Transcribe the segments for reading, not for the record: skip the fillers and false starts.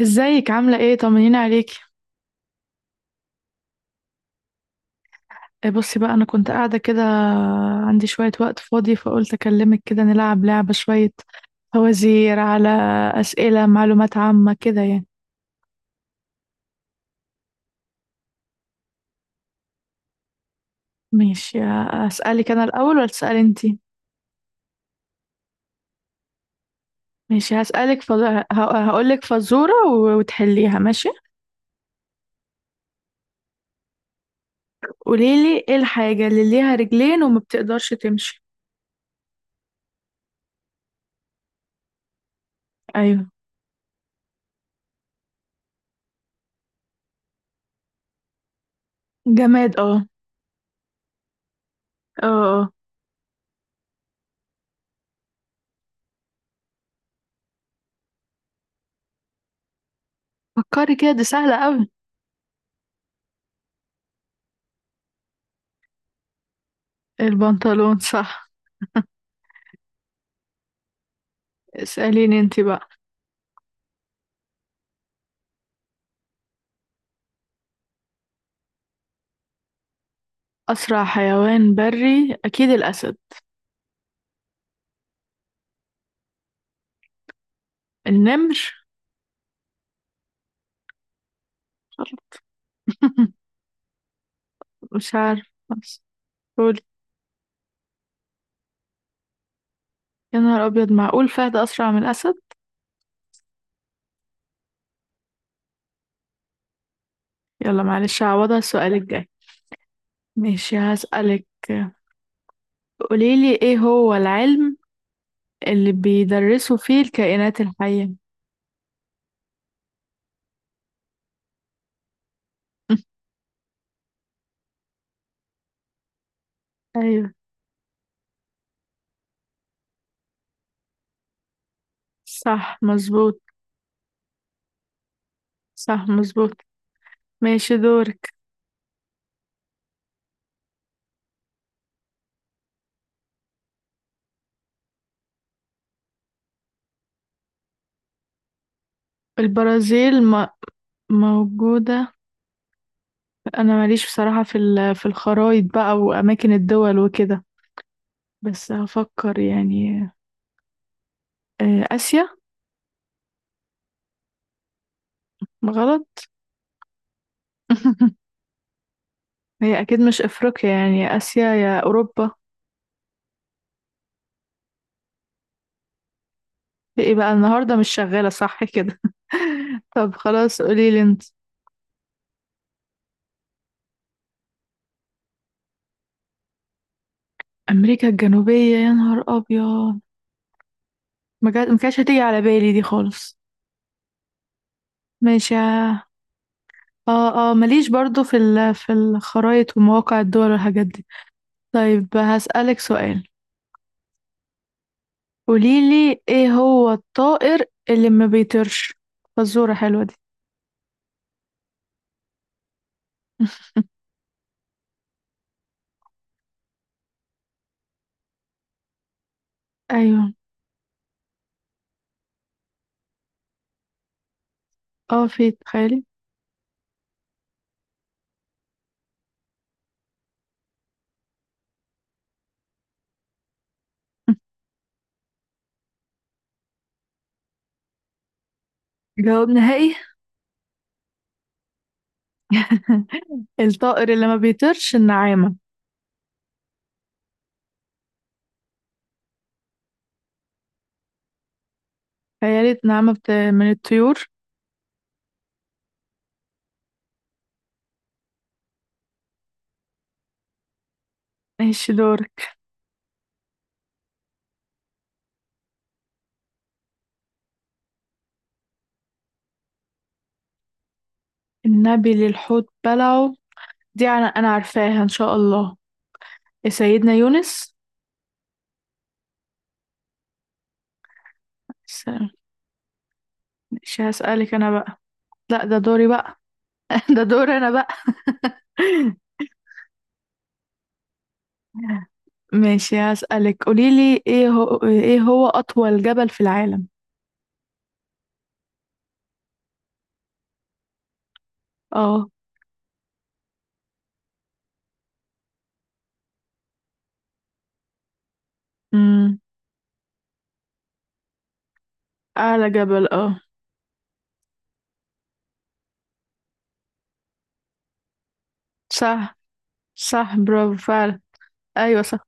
ازيك؟ عاملة ايه؟ طمنيني عليكي. إيه، بصي بقى، انا كنت قاعدة كده، عندي شوية وقت فاضي فقلت اكلمك كده نلعب لعبة شوية، فوازير على اسئلة معلومات عامة كده يعني. ماشي. اسألك انا الاول ولا تسألي انتي؟ ماشي، هسألك هقولك فزورة وتحليها، ماشي. قوليلي ايه الحاجة اللي ليها رجلين وما بتقدرش تمشي؟ ايوه، جماد. اه. اه. اه. فكري كده، دي سهلة اوي. البنطلون، صح. اسأليني انتي بقى. أسرع حيوان بري أكيد الأسد. النمر. مش عارف بس، قولي. يا نهار أبيض، معقول فهد أسرع من الأسد؟ يلا معلش، هعوضها السؤال الجاي. ماشي هسألك، قوليلي إيه هو العلم اللي بيدرسوا فيه الكائنات الحية؟ أيوه. صح مظبوط. صح مظبوط. ماشي، دورك. البرازيل موجودة. أنا ماليش بصراحة في في الخرايط بقى وأماكن الدول وكده، بس هفكر يعني. آسيا. غلط. هي أكيد مش أفريقيا يعني، يا آسيا يا أوروبا. إيه بقى، النهاردة مش شغالة صح كده. طب خلاص، قولي لي انت. أمريكا الجنوبية، يا نهار أبيض. ما كانتش هتيجي على بالي دي خالص. ماشي. اه. اه. ماليش برضو في في الخرايط ومواقع الدول والحاجات دي. طيب، هسألك سؤال، قوليلي ايه هو الطائر اللي ما بيطيرش؟ فزورة حلوة دي. ايوه. اه، في تخيلي. جواب نهائي. الطائر اللي ما بيطيرش النعامة. خيالة، نعامة من الطيور. ماشي، دورك. النبي للحوت بلعه، دي أنا عارفاها إن شاء الله، سيدنا يونس. س- ماشي، هسألك أنا بقى. لا، ده دوري بقى. ده دوري أنا بقى. ماشي، هسألك، قوليلي إيه هو أطول جبل في العالم؟ اه. أمم، أعلى جبل، اه. صح. صح برافو فعلا. أيوة صح.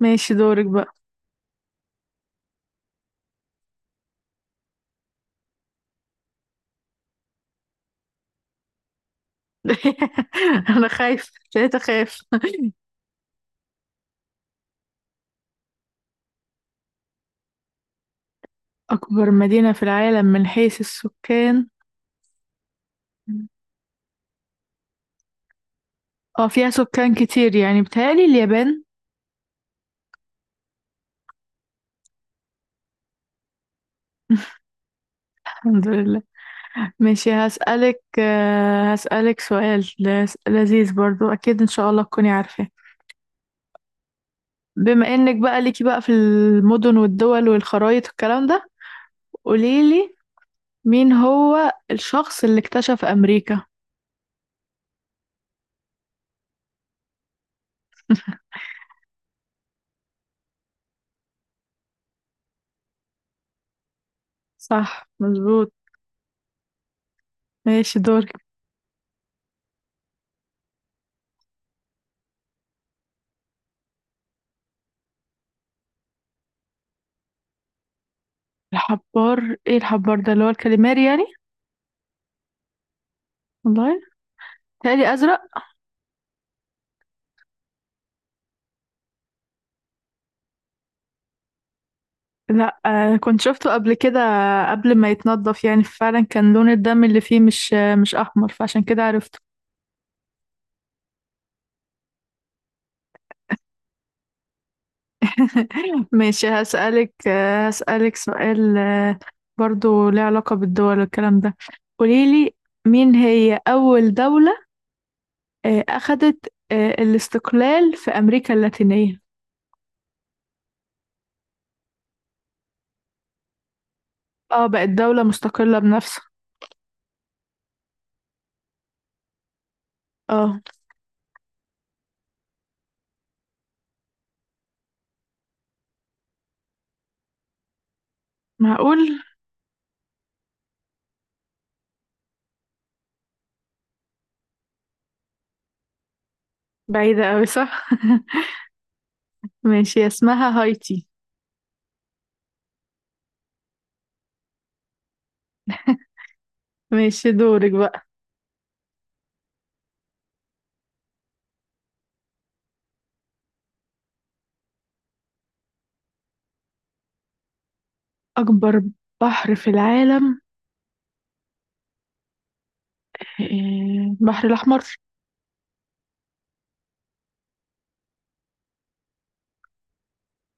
ماشي، دورك بقى. أنا خايفة، بقيت أخاف. أكبر مدينة في العالم من حيث السكان؟ اه، فيها سكان كتير يعني، بتهيألي اليابان. الحمد لله. ماشي هسألك، هسألك سؤال لذيذ برضو، أكيد إن شاء الله تكوني عارفة. بما إنك بقى ليكي بقى في المدن والدول والخرايط والكلام ده، قوليلي مين هو الشخص اللي اكتشف أمريكا؟ صح مظبوط. ماشي، دورك. الحبار، ايه الحبار ده، اللي هو الكاليماري يعني؟ والله تهيألي أزرق. لا، آه كنت شفته قبل كده، قبل ما يتنضف يعني، فعلا كان لون الدم اللي فيه مش، مش أحمر، فعشان كده عرفته. ماشي هسألك، هسألك سؤال برضو ليه علاقة بالدول والكلام ده. قوليلي، مين هي أول دولة أخدت الاستقلال في أمريكا اللاتينية؟ اه، بقت دولة مستقلة بنفسها. اه. معقول. بعيدة أوي صح. ماشي، اسمها هايتي. ماشي، دورك بقى. أكبر بحر في العالم؟ إيه، البحر الأحمر.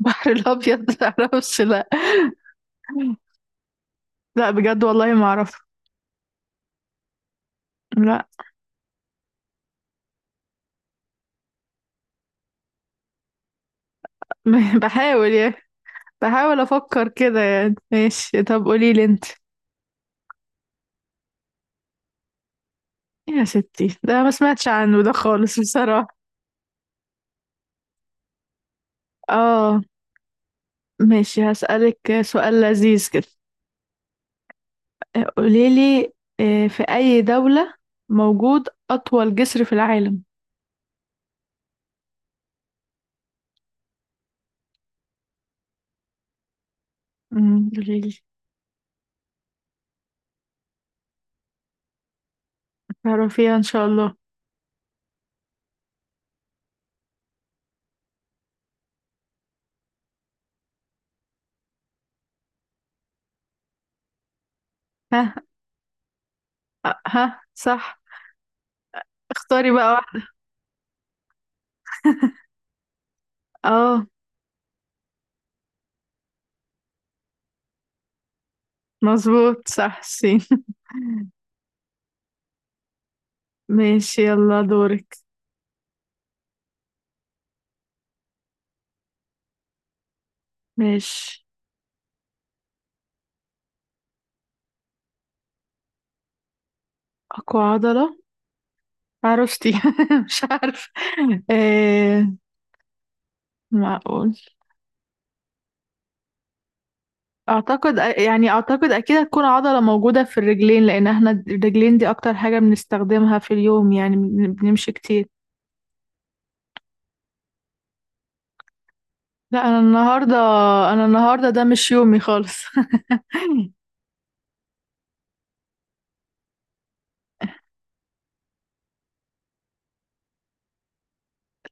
البحر الأبيض. معرفش لأ. لأ بجد، والله ما أعرف. لأ. بحاول يعني، بحاول أفكر كده يعني. ماشي طب قوليلي أنت. يا ستي، ده ما سمعتش عنه ده خالص بصراحة. اه. ماشي هسألك سؤال لذيذ كده. قوليلي، في أي دولة موجود أطول جسر في العالم؟ مم، قوليلي. تعرفيها إن شاء الله. ها. ها، صح. اختاري بقى واحد. اه. مظبوط صح، سين. ماشي يلا، دورك. ماشي. أقوى عضلة؟ عرفتي. مش عارفة. آه. معقول. أعتقد يعني، أعتقد أكيد هتكون عضلة موجودة في الرجلين، لأن احنا الرجلين دي أكتر حاجة بنستخدمها في اليوم يعني، بنمشي كتير. لا، أنا النهاردة ده مش يومي خالص.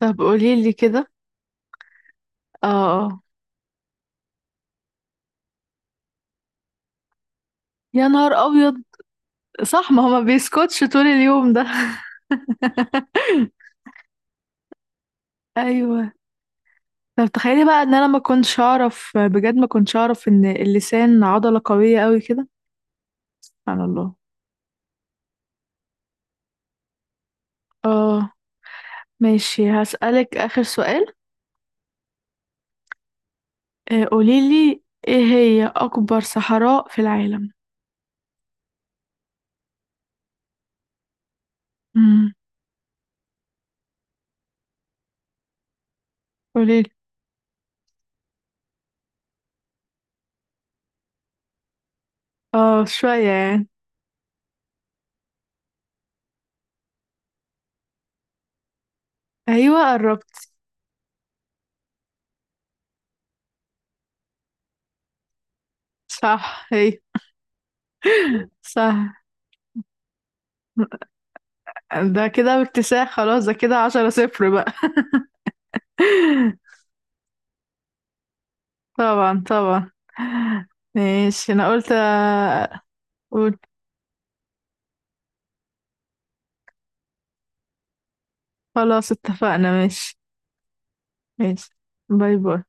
طب قوليلي كده. اه. آه. يا نهار أبيض، صح ما هو ما بيسكتش طول اليوم ده. ايوه. طب تخيلي بقى ان انا ما كنتش اعرف، بجد ما كنتش اعرف ان اللسان عضلة قوية قوي كده. سبحان الله. اه. ماشي، هسألك اخر سؤال. قوليلي ايه هي اكبر صحراء في العالم؟ امم. قوليلي. اه شوية يعني. ايوه، قربت. صح هي. صح. ده كده باكتساح خلاص، ده كده 10-0 بقى. طبعا طبعا. ماشي. انا قلت خلاص اتفقنا ماشي. ماشي. باي باي.